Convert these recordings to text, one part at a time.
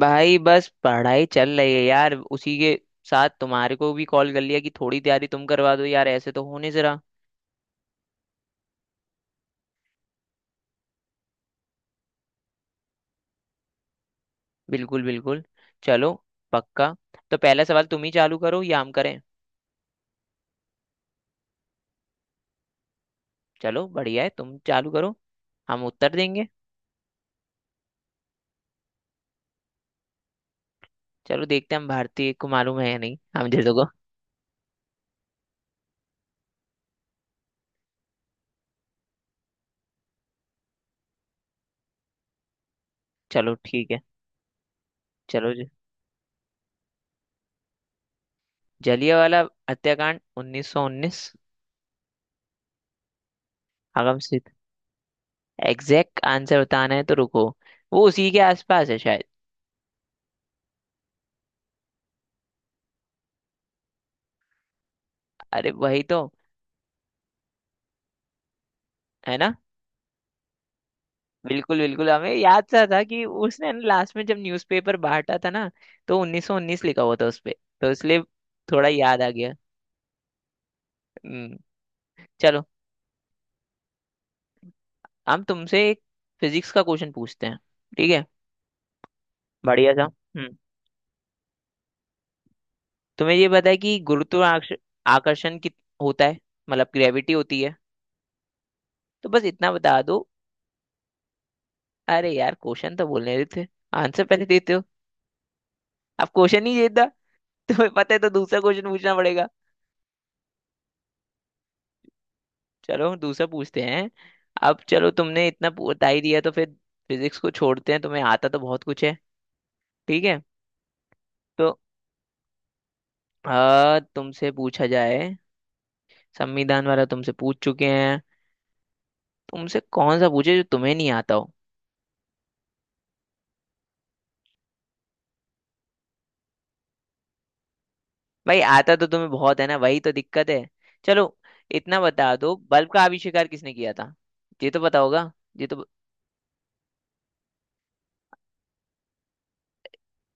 भाई बस पढ़ाई चल रही है यार। उसी के साथ तुम्हारे को भी कॉल कर लिया कि थोड़ी तैयारी तुम करवा दो यार, ऐसे तो हो नहीं जरा। बिल्कुल बिल्कुल। चलो। पक्का। तो पहला सवाल तुम ही चालू करो या हम करें। चलो बढ़िया है, तुम चालू करो, हम उत्तर देंगे। चलो देखते हैं हम भारतीय को मालूम है या नहीं, हम जैसे को। चलो ठीक है। चलो जी। जलियांवाला हत्याकांड 1919। आगम सिद्ध। एग्जैक्ट आंसर बताना है तो रुको। वो उसी के आसपास है शायद। अरे वही तो। है ना। बिल्कुल बिल्कुल, हमें याद सा था कि उसने ना लास्ट में जब न्यूज़पेपर बांटा था ना, तो 1919 लिखा हुआ था उस पे, तो इसलिए थोड़ा याद आ गया। हम्म, चलो। हम तुमसे एक फिजिक्स का क्वेश्चन पूछते हैं। ठीक है। बढ़िया सा। तुम्हें ये पता है कि गुरुत्वाकर्षण आकर्षण कित होता है, मतलब ग्रेविटी होती है, तो बस इतना बता दो। अरे यार, क्वेश्चन तो बोलने देते, आंसर पहले देते हो। अब क्वेश्चन ही देता, तुम्हें पता है, तो दूसरा क्वेश्चन पूछना पड़ेगा। चलो दूसरा पूछते हैं। अब चलो, तुमने इतना बता ही दिया, तो फिर फिजिक्स को छोड़ते हैं, तुम्हें आता तो बहुत कुछ है। ठीक है। तो तुमसे पूछा जाए। संविधान वाला तुमसे पूछ चुके हैं। तुमसे कौन सा पूछे जो तुम्हें नहीं आता हो। भाई आता तो तुम्हें बहुत है ना, वही तो दिक्कत है। चलो, इतना बता दो, बल्ब का आविष्कार किसने किया था। ये तो पता होगा, ये तो।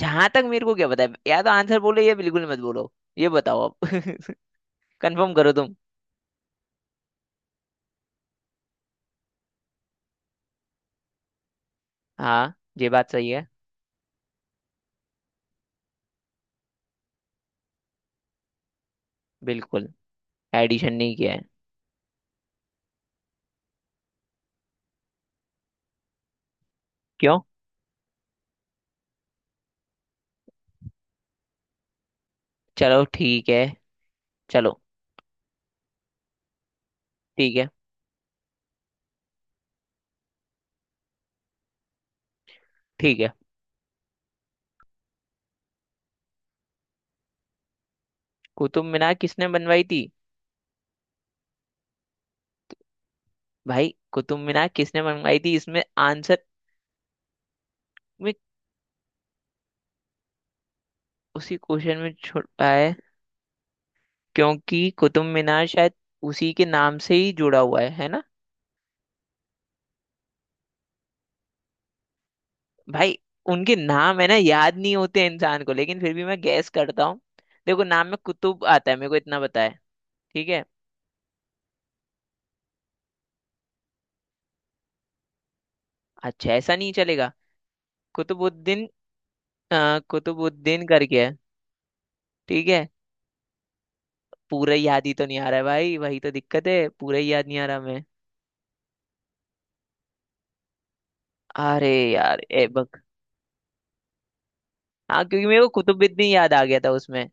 जहां तक मेरे को क्या पता है, या तो आंसर बोलो या बिल्कुल मत बोलो। ये बताओ अब। कंफर्म करो तुम। हाँ, ये बात सही है। बिल्कुल। एडिशन नहीं किया है। क्यों। चलो ठीक है। चलो। ठीक है। ठीक है। कुतुब मीनार किसने बनवाई थी। भाई कुतुब मीनार किसने बनवाई थी इसमें, आंसर में, उसी क्वेश्चन में छुपा है। क्योंकि कुतुब मीनार शायद उसी के नाम से ही जुड़ा हुआ है ना। भाई उनके नाम है ना, याद नहीं होते इंसान को, लेकिन फिर भी मैं गैस करता हूँ। देखो, नाम में कुतुब आता है, मेरे को इतना पता है। ठीक है। अच्छा, ऐसा नहीं चलेगा। कुतुबुद्दीन। कुतुबुद्दीन करके है। ठीक है। पूरा ही याद ही तो नहीं आ रहा है भाई, वही तो दिक्कत है, पूरा ही याद नहीं आ रहा हमें। अरे यार ऐबक। हाँ, क्योंकि मेरे को कुतुबुद्दीन याद आ गया था उसमें।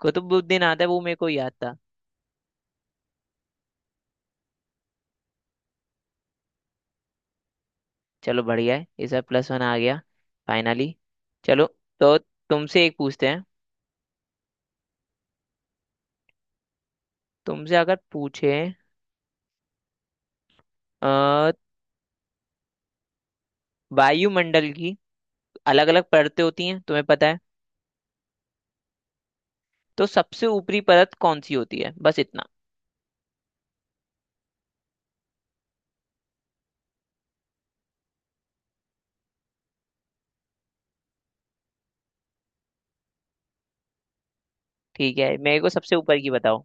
कुतुबुद्दीन आता है, वो मेरे को याद था। चलो बढ़िया है, इस बार प्लस वन आ गया। फाइनली। चलो। तो तुमसे एक पूछते हैं। तुमसे अगर पूछे अ, वायुमंडल की अलग अलग परतें होती हैं, तुम्हें पता है। तो सबसे ऊपरी परत कौन सी होती है, बस इतना। ठीक है, मेरे को सबसे ऊपर की बताओ।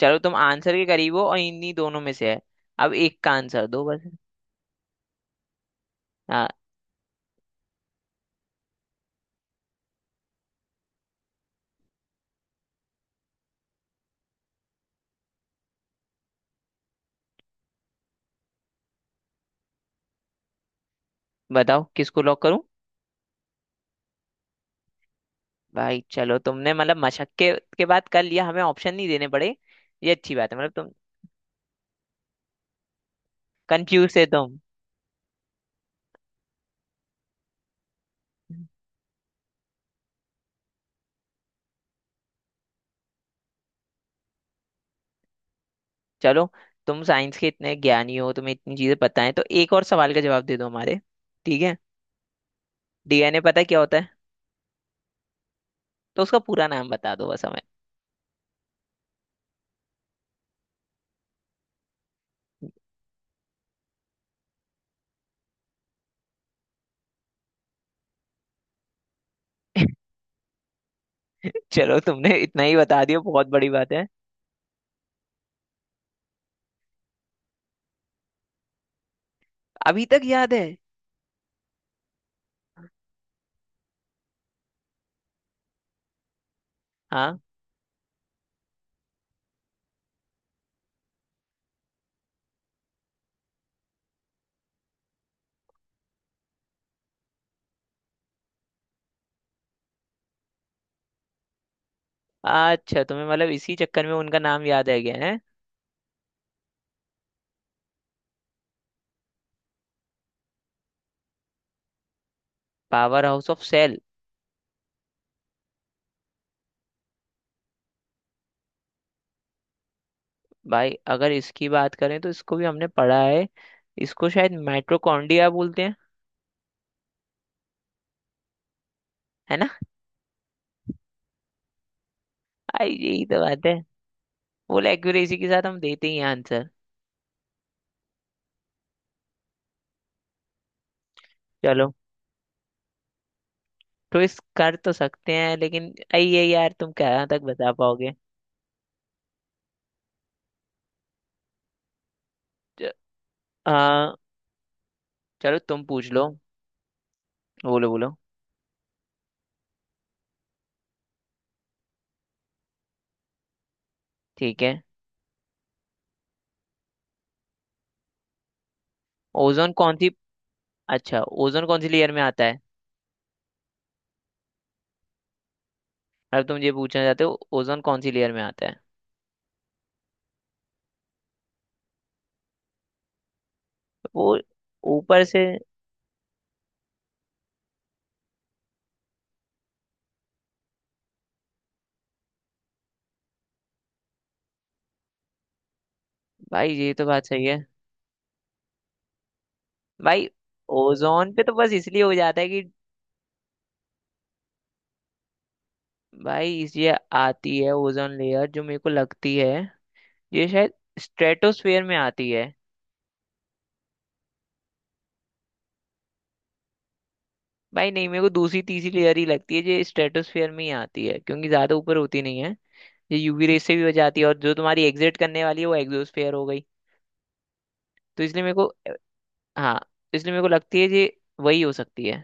चलो तुम आंसर के करीब हो, और इन्हीं दोनों में से है। अब एक का आंसर दो बस। हाँ। बताओ किसको लॉक करूं। भाई चलो, तुमने मतलब मशक्कत के बाद कर लिया, हमें ऑप्शन नहीं देने पड़े। ये अच्छी बात है। मतलब तुम कंफ्यूज थे तुम। चलो, तुम साइंस के इतने ज्ञानी हो, तुम्हें इतनी चीजें पता है, तो एक और सवाल का जवाब दे दो हमारे। ठीक है। डीएनए पता है क्या होता है। तो उसका पूरा नाम बता दो बस हमें। चलो, तुमने इतना ही बता दिया, बहुत बड़ी बात है। अभी तक याद है। हाँ। अच्छा, तुम्हें मतलब इसी चक्कर में उनका नाम याद है गया है। Power house of cell. भाई अगर इसकी बात करें, तो इसको भी हमने पढ़ा है। इसको शायद माइटोकॉन्ड्रिया बोलते हैं। है ना। आई यही तो बात है। फुल एक्यूरेसी के साथ हम देते ही आंसर। चलो, ट्विस्ट कर तो सकते हैं, लेकिन आई ये यार तुम कहाँ तक बता पाओगे। च- आ, चलो तुम पूछ लो। बोलो बोलो। ठीक है। ओजोन कौन सी। अच्छा, ओजोन कौन सी लेयर में आता है। अब तुम ये पूछना चाहते हो ओजोन कौन सी लेयर में आता है। वो ऊपर से। भाई ये तो बात सही है। भाई ओजोन पे तो बस इसलिए हो जाता है कि, भाई ये आती है ओजोन लेयर, जो मेरे को लगती है, ये शायद स्ट्रेटोस्फेयर में आती है। भाई नहीं, मेरे को दूसरी तीसरी लेयर ही लगती है, ये स्ट्रेटोस्फेयर में ही आती है, क्योंकि ज्यादा ऊपर होती नहीं है। ये यूवी रेस से भी बच जाती है, और जो तुम्हारी एग्जिट करने वाली है वो एग्जोस्फेयर हो गई, तो इसलिए मेरे को। हाँ, इसलिए मेरे को लगती है ये वही हो सकती है।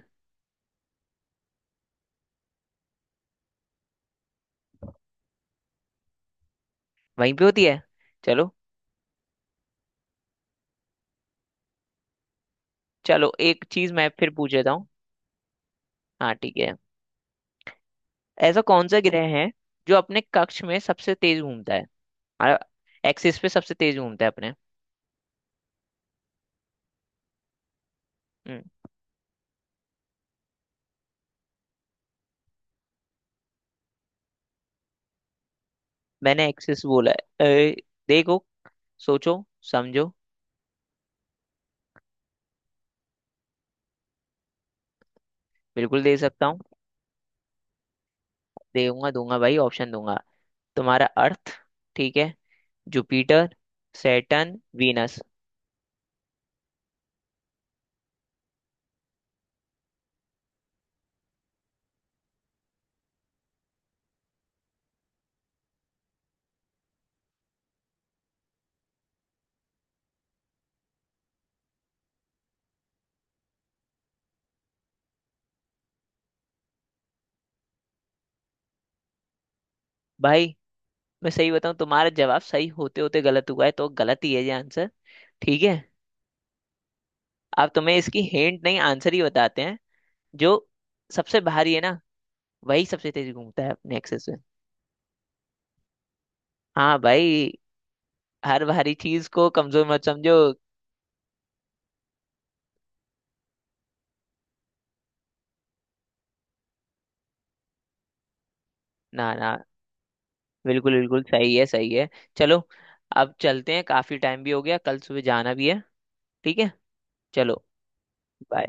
वहीं पे होती है। चलो। चलो एक चीज मैं फिर पूछ लेता हूँ। हाँ ठीक है। ऐसा कौन सा ग्रह है जो अपने कक्ष में सबसे तेज घूमता है, एक्सिस पे सबसे तेज घूमता है अपने। हम्म, मैंने एक्सेस बोला है। देखो, सोचो, समझो। बिल्कुल दे सकता हूँ। दूंगा दूंगा भाई ऑप्शन दूंगा। तुम्हारा अर्थ, ठीक है, जुपिटर, सैटर्न, वीनस। भाई मैं सही बताऊं, तुम्हारा जवाब सही होते होते गलत हुआ है, तो गलत ही है ये आंसर। ठीक है, अब तुम्हें इसकी हिंट नहीं आंसर ही बताते हैं। जो सबसे भारी है ना, वही सबसे तेज घूमता है अपने एक्सेस में। हाँ भाई, हर भारी चीज को कमजोर मत समझो। ना ना। बिल्कुल बिल्कुल, सही है, सही है। चलो, अब चलते हैं, काफी टाइम भी हो गया, कल सुबह जाना भी है। ठीक है। चलो। bye।